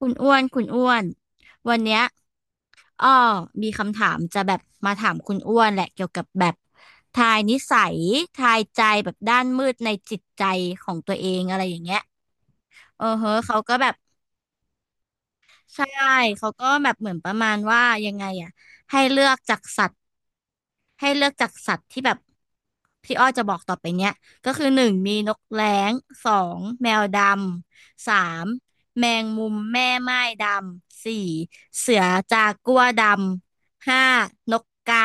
คุณอ้วน คุณอ้วน วันเนี้ยอ้อมีคำถามจะแบบมาถามคุณอ้วนแหละ เกี่ยวกับแบบทายนิสัยทายใจแบบด้านมืดในจิตใจของตัวเองอะไรอย่างเงี้ยเออเฮ้อเขาก็แบบ ใช่ เขาก็แบบเหมือนประมาณว่า ยังไงอะให้เลือกจากสัตว์ ให้เลือกจากสัตว์ที่แบบพี่อ้อจะบอกต่อไปเนี้ยก็คือหนึ่งมีนกแร้งสองแมวดำสามแมงมุมแม่ไม่ดำสี่เสือจากัวดำห้านกกา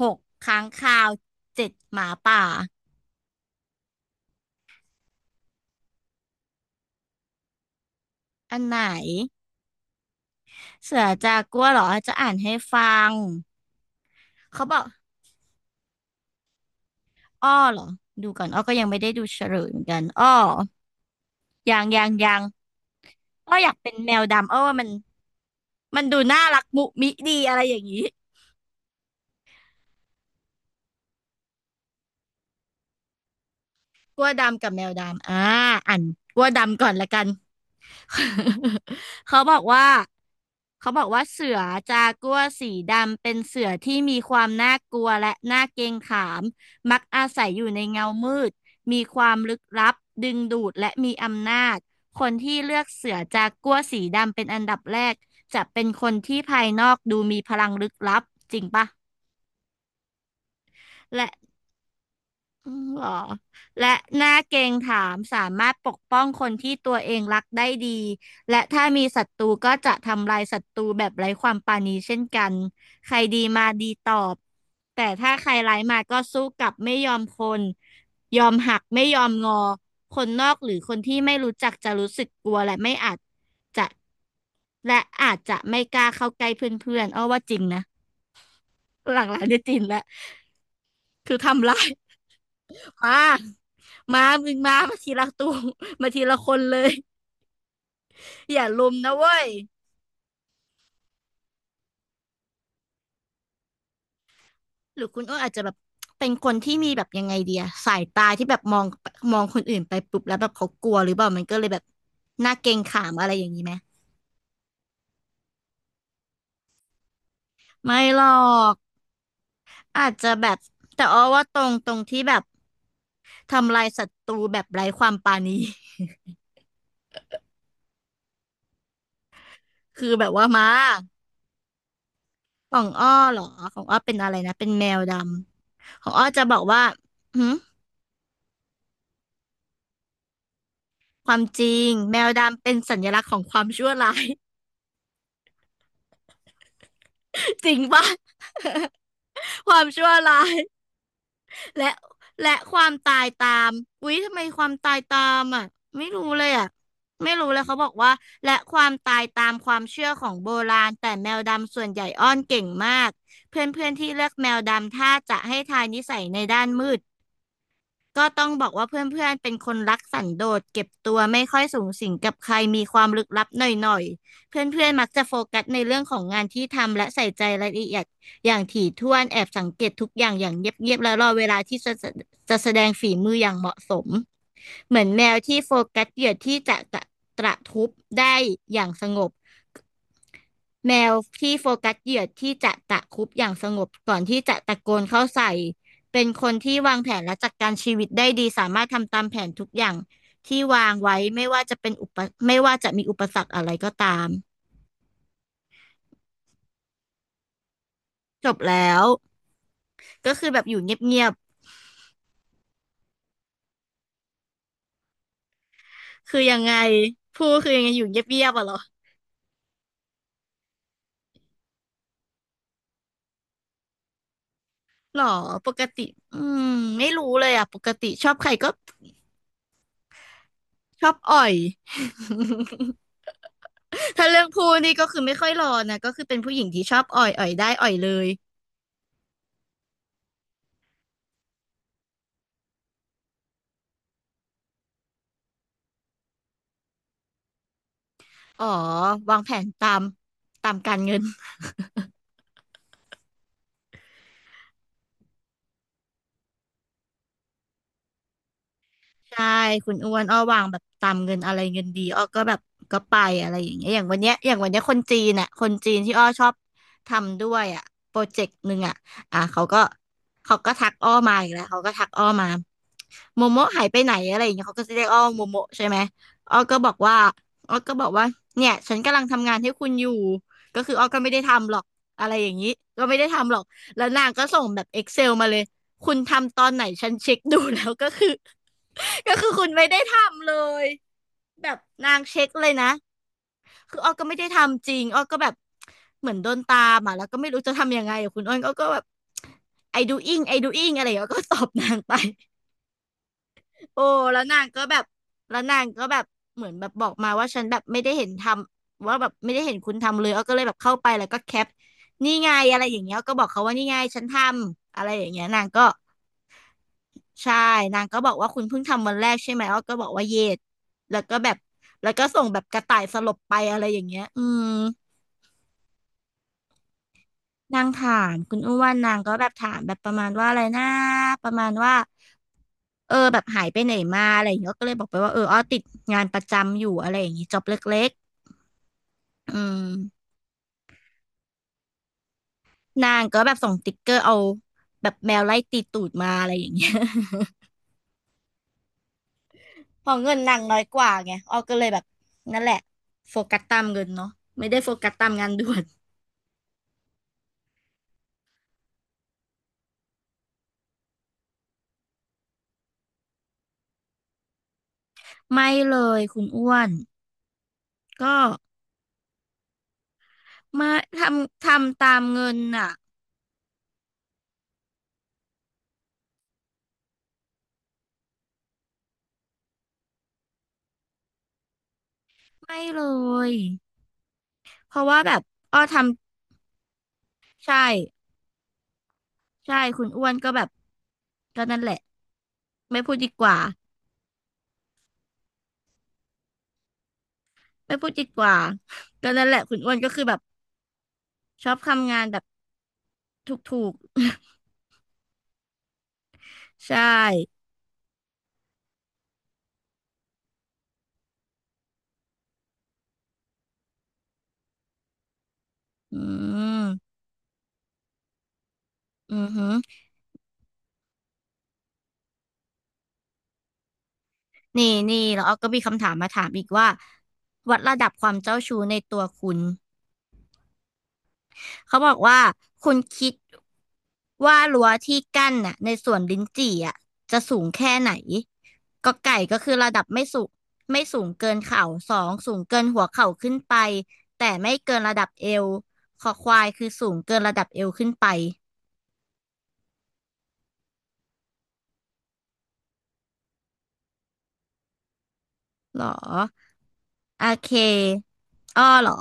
หกค้างคาวเจ็ดหมาป่าอันไหนเสือจากัวเหรอจะอ่านให้ฟังเขาบอกอ้อเหรอดูก่อนอ้อก็ยังไม่ได้ดูเฉลยเหมือนกันอ้อ ยังก็อยากเป็นแมวดำเออว่ามันดูน่ารักมุมิดีอะไรอย่างนี้กลัวดำกับแมวดำอ่าอันกลัวดำก่อนละกัน เขาบอกว่าเสือจากัวร์สีดำเป็นเสือที่มีความน่ากลัวและน่าเกรงขามมักอาศัยอยู่ในเงามืดมีความลึกลับดึงดูดและมีอำนาจคนที่เลือกเสือจากัวร์สีดำเป็นอันดับแรกจะเป็นคนที่ภายนอกดูมีพลังลึกลับจริงปะและ อ๋อเหรอและหน้าเกรงถามสามารถปกป้องคนที่ตัวเองรักได้ดี และถ้ามีศัตรูก็จะทำลายศัตรูแบบไร้ความปราณีเช่นกัน ใครดีมาดีตอบ แต่ถ้าใครร้ายมาก็สู้กลับไม่ยอมคนยอมหักไม่ยอมงอ คนนอกหรือคนที่ไม่รู้จักจะรู้สึกกลัวและไม่อาจจะและอาจจะไม่กล้าเข้าใกล้เพื่อนๆอ้อว่าจริงนะหลังๆเนี่ยจริงแล้วคือทำลาย มามามึงมามาทีละตัว มาทีละคนเลยอย่าลุมนะเว้ยหรือคุณอ้นอาจจะแบบเป็นคนที่มีแบบยังไงเดียสายตาที่แบบมองมองคนอื่นไปปุ๊บแล้วแบบเขากลัวหรือเปล่ามันก็เลยแบบหน้าเกรงขามอะไรอย่างนี้ไหมไม่หรอกอาจจะแบบ แต่อ้อว่าตรงที่แบบทำลายศัตรูแบบไร้ความปราณี คือแบบว่ามาของอ้อเหรอของอ้อเป็นอะไรนะเป็นแมวดำของอ้อจะบอกว่าหึ ความจริงแมวดำเป็นสัญลักษณ์ของความชั่วร้าย จริงป่ะ ความชั่วร้ายและและความตายตามอุ๊ยทำไมความตายตามอ่ะไม่รู้เลยอ่ะไม่รู้เลยเขาบอกว่าและความตายตามความเชื่อของโบราณแต่แมวดำส่วนใหญ่อ้อนเก่งมากเพื่อนๆที่เลือกแมวดำถ้าจะให้ทายนิสัยในด้านมืด ก็ต้องบอกว่าเพื่อนๆ เป็นคนรักสันโดษเก็บตัวไม่ค่อยสูงสิงกับใครมีความลึกลับหน่อยๆ เพื่อนๆมักจะโฟกัสในเรื่องของงานที่ทำและใส่ใจรายละเอียดอย่างถี่ถ้วนแอบสังเกตทุกอย่างอย่างเงียบๆ และรอเวลาที่จะแสดงฝีมืออย่างเหมาะสมเหมือนแมวที่โฟกัสเหยื่อที่จะกระตระทุบได้อย่างสงบ แมวที่โฟกัสเหยื่อที่จะตะครุบอย่างสงบก่อนที่จะตะโกนเข้าใส่เป็นคนที่วางแผนและจัดการชีวิตได้ดีสามารถทำตามแผนทุกอย่างที่วางไว้ไม่ว่าจะมีอุปสรรคอะไรก็ตามจบแล้วก็คือแบบอยู่เงียบๆคือยังไงผู้คือยังไงอยู่เงียบๆอะเหรอหรอปกติอืมไม่รู้เลยอะปกติชอบใครก็ชอบอ่อย ถ้าเรื่องพูดนี่ก็คือไม่ค่อยรอนะ ก็คือเป็นผู้หญิงที่ชอบอ่อย อ่อยได้ อ่อยเลย อ๋อวางแผนตามการเงิน ใช่คุณอ้วนอ้อวางแบบตามเงินอะไรเงินดีอ้อก็แบบก็ไปอะไรอย่างเงี้ยอย่างวันเนี้ยคนจีนอ่ะคนจีนที่อ้อชอบทำด้วยอ่ะโปรเจกต์หนึ่งอ่ะอ่ะเขาก็เขาก็ทักอ้อมาอีกแล้วเขาก็ทักอ้อมาโมโมะหายไปไหนอะไรอย่างเงี้ยเขาก็จะเรียกอ้อโมโมะใช่ไหมอ้อก็บอกว่าอ้อก็บอกว่าเนี่ยฉันกำลังทำงานให้คุณอยู่ก็คืออ้อก็ไม่ได้ทำหรอกอะไรอย่างงี้ก็ไม่ได้ทำหรอกแล้วนางก็ส่งแบบ Excel มาเลยคุณทำตอนไหนฉันเช็คดูแล้ว ก็คือ ก็คือคุณไม่ได้ทำเลยแบบนางเช็คเลยนะคืออ้อก็ไม่ได้ทำจริงอ้อก็แบบเหมือนโดนตามอ่ะแล้วก็ไม่รู้จะทำยังไงอะคุณอ้นอ้อก็แบบ I doing I doing อะไรอย่างเงี้ยอ้อก็ตอบนางไป โอ้แล้วนางก็แบบแล้วนางก็แบบเหมือนแบบบอกมาว่าฉันแบบไม่ได้เห็นทำว่าแบบไม่ได้เห็นคุณทำเลยอ้อก็เลยแบบเข้าไปแล้วก็แคปนี่ไงอะไรอย่างเงี้ยอ้อก็บอกเขาว่านี่ไงฉันทำอะไรอย่างเงี้ยนางก็ ใช่นางก็บอกว่าคุณเพิ่งทำวันแรกใช่ไหมอ้อก็บอกว่าเยดแล้วก็แบบแล้วก็ส่งแบบกระต่ายสลบไปอะไรอย่างเงี้ยอืมนางถามคุณอ้วนนางก็แบบถามแบบประมาณว่าอะไรนะประมาณว่าเออแบบหายไปไหนมาอะไรอย่างเงี้ยก็เลยบอกไปว่าเอออ้อติดงานประจำอยู่อะไรอย่างงี้จ็อบเล็กๆอืมนางก็แบบส่งติ๊กเกอร์เอาแบบแมวไล่ตีตูดมาอะไรอย่างเงี้ย พอเงินนางน้อยกว่าไงอ้อก็เลยแบบนั่นแหละโฟกัสตามเงินเนาะไม่ได้โฟกัสตามงานด่วน ไม่เลยคุณอ้วนก็มาทำตามเงินน่ะไม่เลยเพราะว่าแบบอ้อทำใช่คุณอ้วนก็แบบก็นั่นแหละไม่พูดดีกว่าไม่พูดดีกว่า ก็นั่นแหละคุณอ้วนก็คือแบบชอบทำงานแบบถูกๆ ใช่อืมอือหือนี่นี่แล้วอ้อก็มีคำถามมาถามอีกว่าวัดระดับความเจ้าชู้ในตัวคุณ เขาบอกว่าคุณคิดว่ารั้วที่กั้นน่ะในสวนลิ้นจี่อ่ะจะสูงแค่ไหนก็ไก่ก็คือระดับไม่สูงไม่สูงเกินเข่าสองสูงเกินหัวเข่าขึ้นไปแต่ไม่เกินระดับเอวคอควายคือสูงเกินระดับเอวขึ้นไปหรอโอเคอ้อหรอ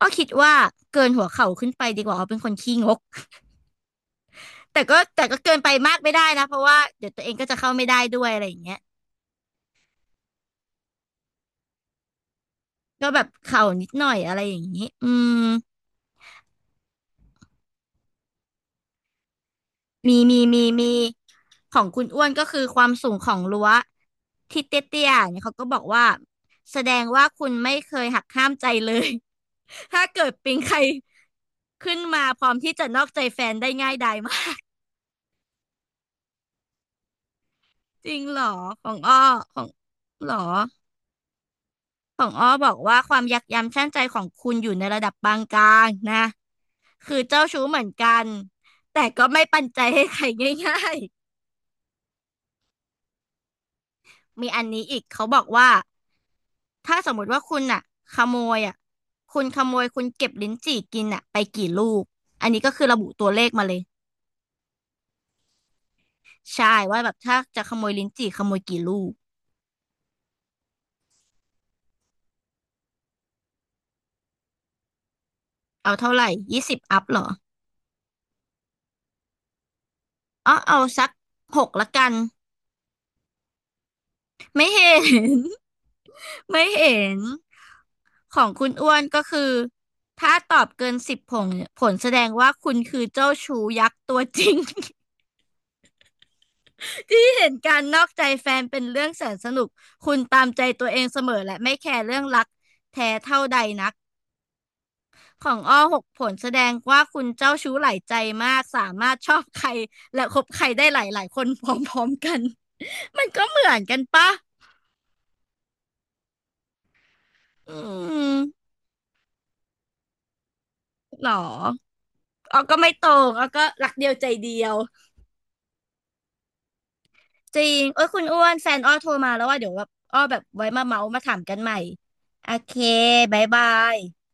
อ้อคิดว่าเกินหัวเข่าขึ้นไปดีกว่าอ้อเป็นคนขี้งก แต่ก็เกินไปมากไม่ได้นะเพราะว่าเดี๋ยวตัวเองก็จะเข้าไม่ได้ด้วยอะไรอย่างเงี้ย ก็แบบเข่านิดหน่อยอะไรอย่างนี้อืมมีของคุณอ้วนก็คือความสูงของรั้วที่เตี้ยๆเนี่ยเขาก็บอกว่าแสดงว่าคุณไม่เคยหักห้ามใจเลย ถ้าเกิดปิงใครขึ้นมาพร้อมที่จะนอกใจแฟนได้ง่ายดายมาก จริงเหรอของอ้อของเหรอของอ้อบอกว่าความยักย้ำชั่งใจของคุณอยู่ในระดับปานกลางนะคือเจ้าชู้เหมือนกันแต่ก็ไม่ปันใจให้ใครง่าย มีอันนี้อีกเขาบอกว่าถ้าสมมุติว่าคุณอ่ะขโมยอ่ะคุณขโมยคุณเก็บลิ้นจี่กินอ่ะไปกี่ลูกอันนี้ก็คือระบุตัวเลขมาเลยใช่ว่าแบบถ้าจะขโมยลิ้นจี่ขโมยกี่ลูกเอาเท่าไหร่20อัพเหรออ๋อเอาสักหกละกันไม่เห็น ไม่เห็นของคุณอ้วนก็คือถ้าตอบเกินสิบผลผลแสดงว่าคุณคือเจ้าชู้ยักษ์ตัวจริง ที่เห็นการนอกใจแฟนเป็นเรื่องแสนสนุก คุณตามใจตัวเองเสมอและไม่แคร์เรื่องรักแท้เท่าใดนักของอ้อหกผลแสดงว่าคุณเจ้าชู้หลายใจมากสามารถชอบใครและคบใครได้หลายหลายคนพร้อมๆกัน มันก็เหมือนกันปะอืมหรออ้อก็ไม่ตรงอ้อก็รักเดียวใจเดียว จริงเอ้ยคุณอ้วนแฟนอ้อโทรมาแล้วว่าเดี๋ยวแบบอ้อแบบไว้มาเมาส์มาถามกันใหม่โอเคบายบาย